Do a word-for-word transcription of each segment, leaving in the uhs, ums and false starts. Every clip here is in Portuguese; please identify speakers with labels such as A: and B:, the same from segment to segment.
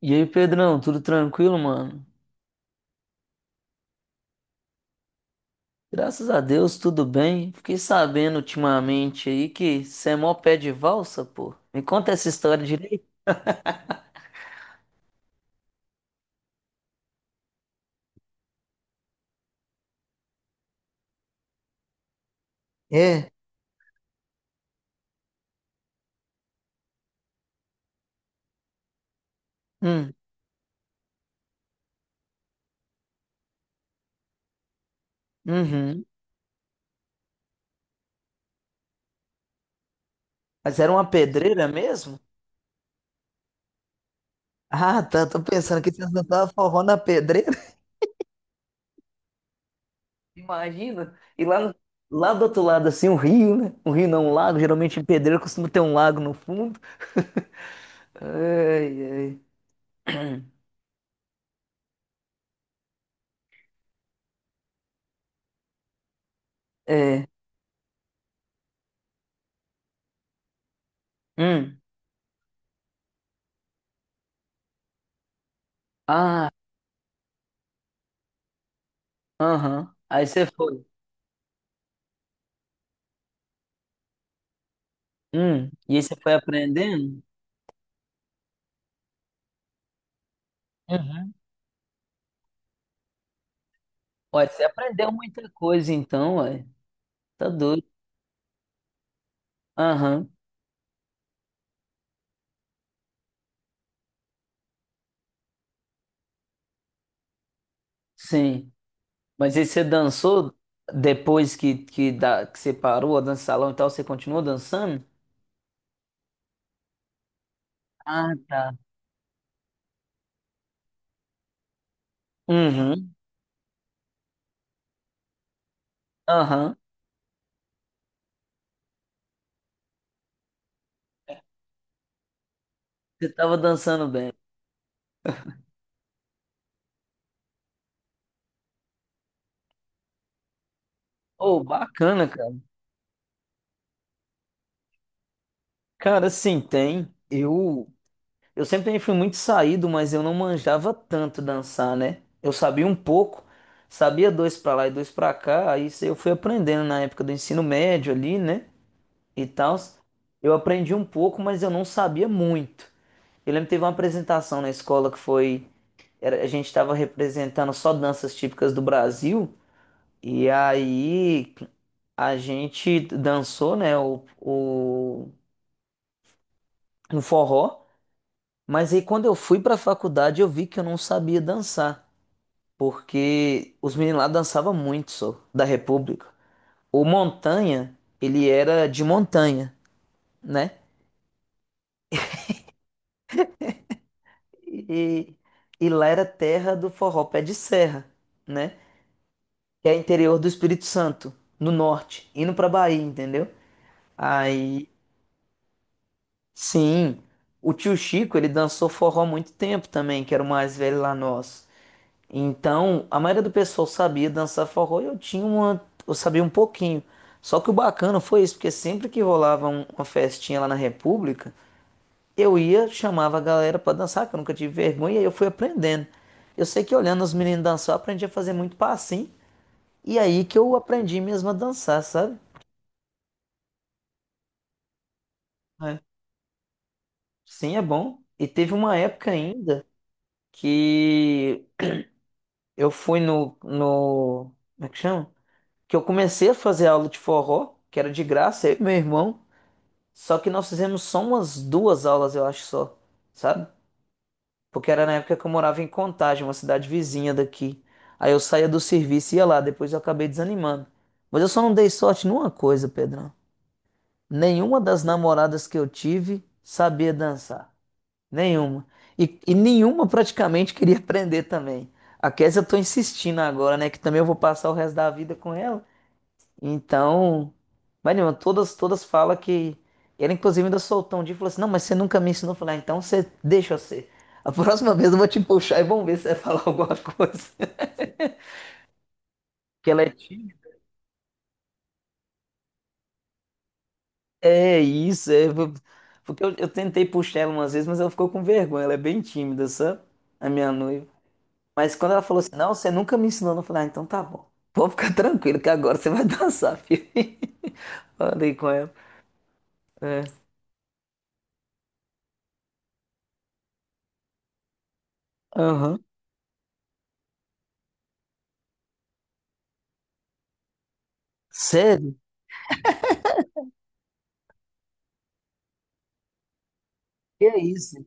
A: E aí, Pedrão, tudo tranquilo, mano? Graças a Deus, tudo bem. Fiquei sabendo ultimamente aí que você é mó pé de valsa, pô. Me conta essa história direito. Hum, uhum. Mas era uma pedreira mesmo? Ah, tá, tô pensando que você não tava forró na pedreira. Imagina. E lá, no- lá do outro lado, assim, um rio, né? Um rio não, um lago. Geralmente em pedreira costuma ter um lago no fundo. Ai, ai. É. Hum. Ah, aham. Aí você foi. Hum, e aí você foi aprendendo? Uhum. Ué, você aprendeu muita coisa então, ué. Tá doido. Aham, sim. Mas aí você dançou depois que, que, da, que você parou a dança salão e tal, você continuou dançando? Ah, tá. Uhum, aham. Você tava dançando bem. Ô, bacana, cara. Cara, sim, tem. Eu. Eu sempre também fui muito saído, mas eu não manjava tanto dançar, né? Eu sabia um pouco, sabia dois pra lá e dois pra cá, aí isso eu fui aprendendo na época do ensino médio ali, né? E tal. Eu aprendi um pouco, mas eu não sabia muito. Eu lembro que teve uma apresentação na escola que foi, era- a gente estava representando só danças típicas do Brasil, e aí a gente dançou, né, o, o, um forró. Mas aí quando eu fui para a faculdade eu vi que eu não sabia dançar, porque os meninos lá dançavam muito, só, da República. O Montanha, ele era de montanha, né? E, e lá era terra do forró pé de serra, né? Que é interior do Espírito Santo, no norte, indo pra Bahia, entendeu? Aí, sim, o tio Chico, ele dançou forró há muito tempo também, que era o mais velho lá nosso. Então, a maioria do pessoal sabia dançar forró e eu tinha uma, eu sabia um pouquinho. Só que o bacana foi isso, porque sempre que rolava um- uma festinha lá na República, eu ia, chamava a galera pra dançar, que eu nunca tive vergonha, e aí eu fui aprendendo. Eu sei que olhando os meninos dançar, eu aprendi a fazer muito passinho, e aí que eu aprendi mesmo a dançar, sabe? É. Sim, é bom. E teve uma época ainda que eu fui no, no, como é que chama? Que eu comecei a fazer aula de forró, que era de graça, eu e meu irmão. Só que nós fizemos só umas duas aulas, eu acho só, sabe? Porque era na época que eu morava em Contagem, uma cidade vizinha daqui. Aí eu saía do serviço e ia lá, depois eu acabei desanimando. Mas eu só não dei sorte numa coisa, Pedrão. Nenhuma das namoradas que eu tive sabia dançar. Nenhuma. E, e nenhuma praticamente queria aprender também. A Kézia eu tô insistindo agora, né? Que também eu vou passar o resto da vida com ela. Então, Marina, todas, todas falam que. Ela, inclusive, ainda soltou um dia e falou assim: "Não, mas você nunca me ensinou a falar, então você deixa eu ser. A próxima vez eu vou te puxar e vamos ver se você vai falar alguma coisa." Que ela é tímida. É isso, é. vo- Porque eu, eu tentei puxar ela umas vezes, mas ela ficou com vergonha. Ela é bem tímida, sabe? A minha noiva. Mas quando ela falou assim: "Não, você nunca me ensinou", eu falei: "Ah, então tá bom. Pode ficar tranquilo que agora você vai dançar, filho." Falei com ela. É. Aham. Sério? Que é isso?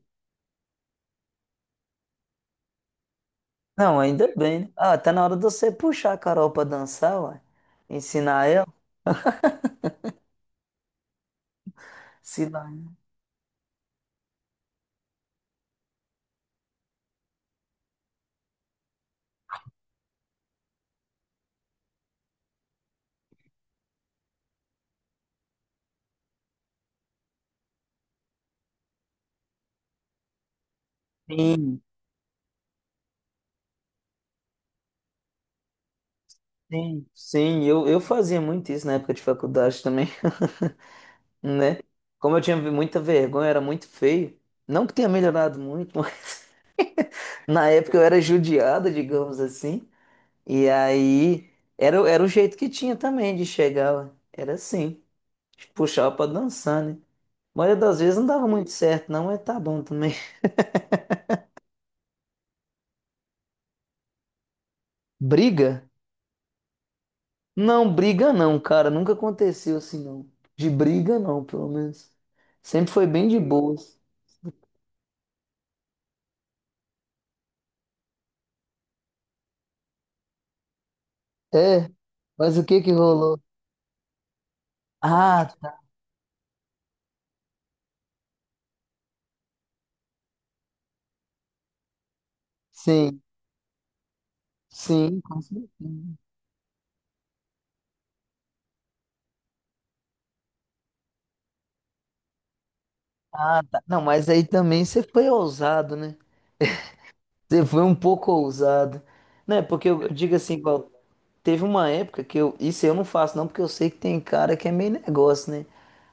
A: Não, ainda bem, né? Ah, tá na hora de você puxar a Carol pra dançar, ué. Ensinar ela. Se lá. Sim, sim, sim. Eu, eu fazia muito isso na época de faculdade também, né? Como eu tinha muita vergonha, era muito feio. Não que tenha melhorado muito, mas na época eu era judiado, digamos assim. E aí era, o- era o jeito que tinha também de chegar, ué. Era assim. Puxava pra dançar, né? A maioria das vezes não dava muito certo, não, mas tá bom também. Briga? Não, briga não, cara. Nunca aconteceu assim, não. De briga não, pelo menos. Sempre foi bem de boas. É, mas o que que rolou? Ah, tá. Sim, sim, com certeza. Ah, tá. Não, mas aí também você foi ousado, né? Você foi um pouco ousado. Né? Porque eu eu digo assim, igual, teve uma época que eu. Isso eu não faço, não, porque eu sei que tem cara que é meio negócio, né?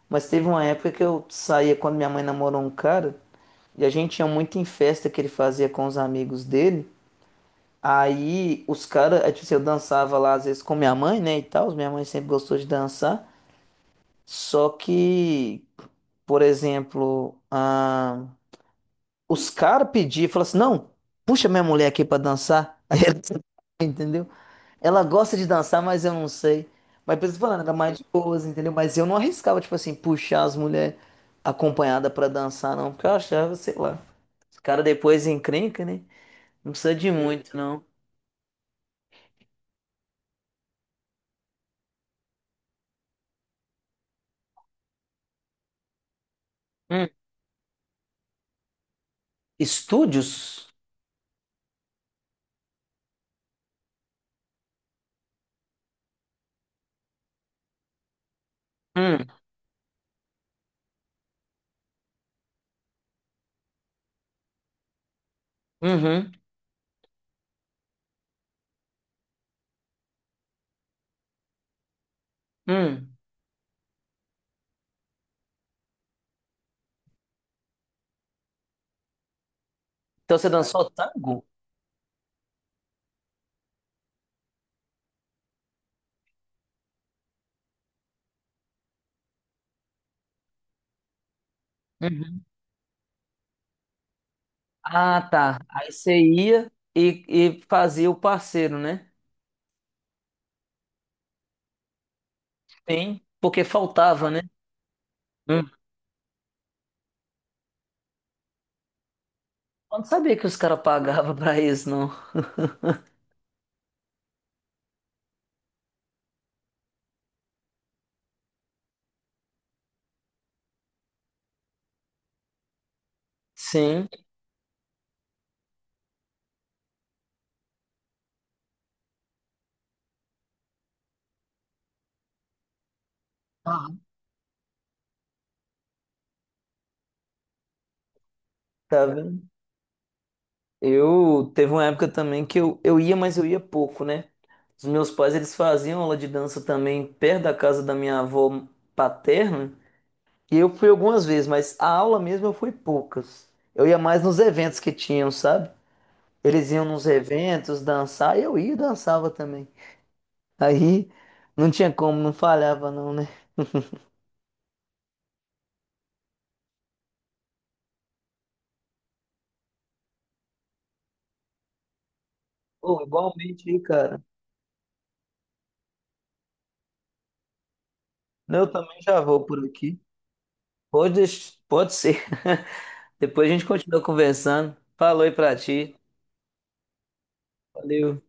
A: Mas teve uma época que eu saía quando minha mãe namorou um cara, e a gente ia muito em festa que ele fazia com os amigos dele. Aí os caras, é, tipo assim, eu dançava lá às vezes com minha mãe, né, e tal, minha mãe sempre gostou de dançar, só que, por exemplo, ah, os caras pediam, falaram assim, não, puxa minha mulher aqui pra dançar, aí ela, entendeu? Ela gosta de dançar, mas eu não sei. Mas por isso que eu tô falando, era mais de boas, entendeu? Mas eu não arriscava, tipo assim, puxar as mulheres acompanhadas pra dançar, não, porque eu achava, sei lá, os caras depois encrenca, né, não precisa de muito, não. Hum. Estúdios? Hum, uhum, hum. Então você dançou tango? Uhum. Ah, tá. Aí você ia e, e fazia o parceiro, né? Sim, porque faltava, né? Hum. Eu não sabia que os caras pagavam pra isso, não. Sim. Ah. Tá vendo? Eu teve uma época também que eu, eu ia, mas eu ia pouco, né? Os meus pais, eles faziam aula de dança também perto da casa da minha avó paterna. E eu fui algumas vezes, mas a aula mesmo eu fui poucas. Eu ia mais nos eventos que tinham, sabe? Eles iam nos eventos dançar, e eu ia e dançava também. Aí não tinha como, não falhava não, né? Pô, igualmente aí, cara. Eu também já vou por aqui. Pode, deix- pode ser. Depois a gente continua conversando. Falou aí pra ti. Valeu.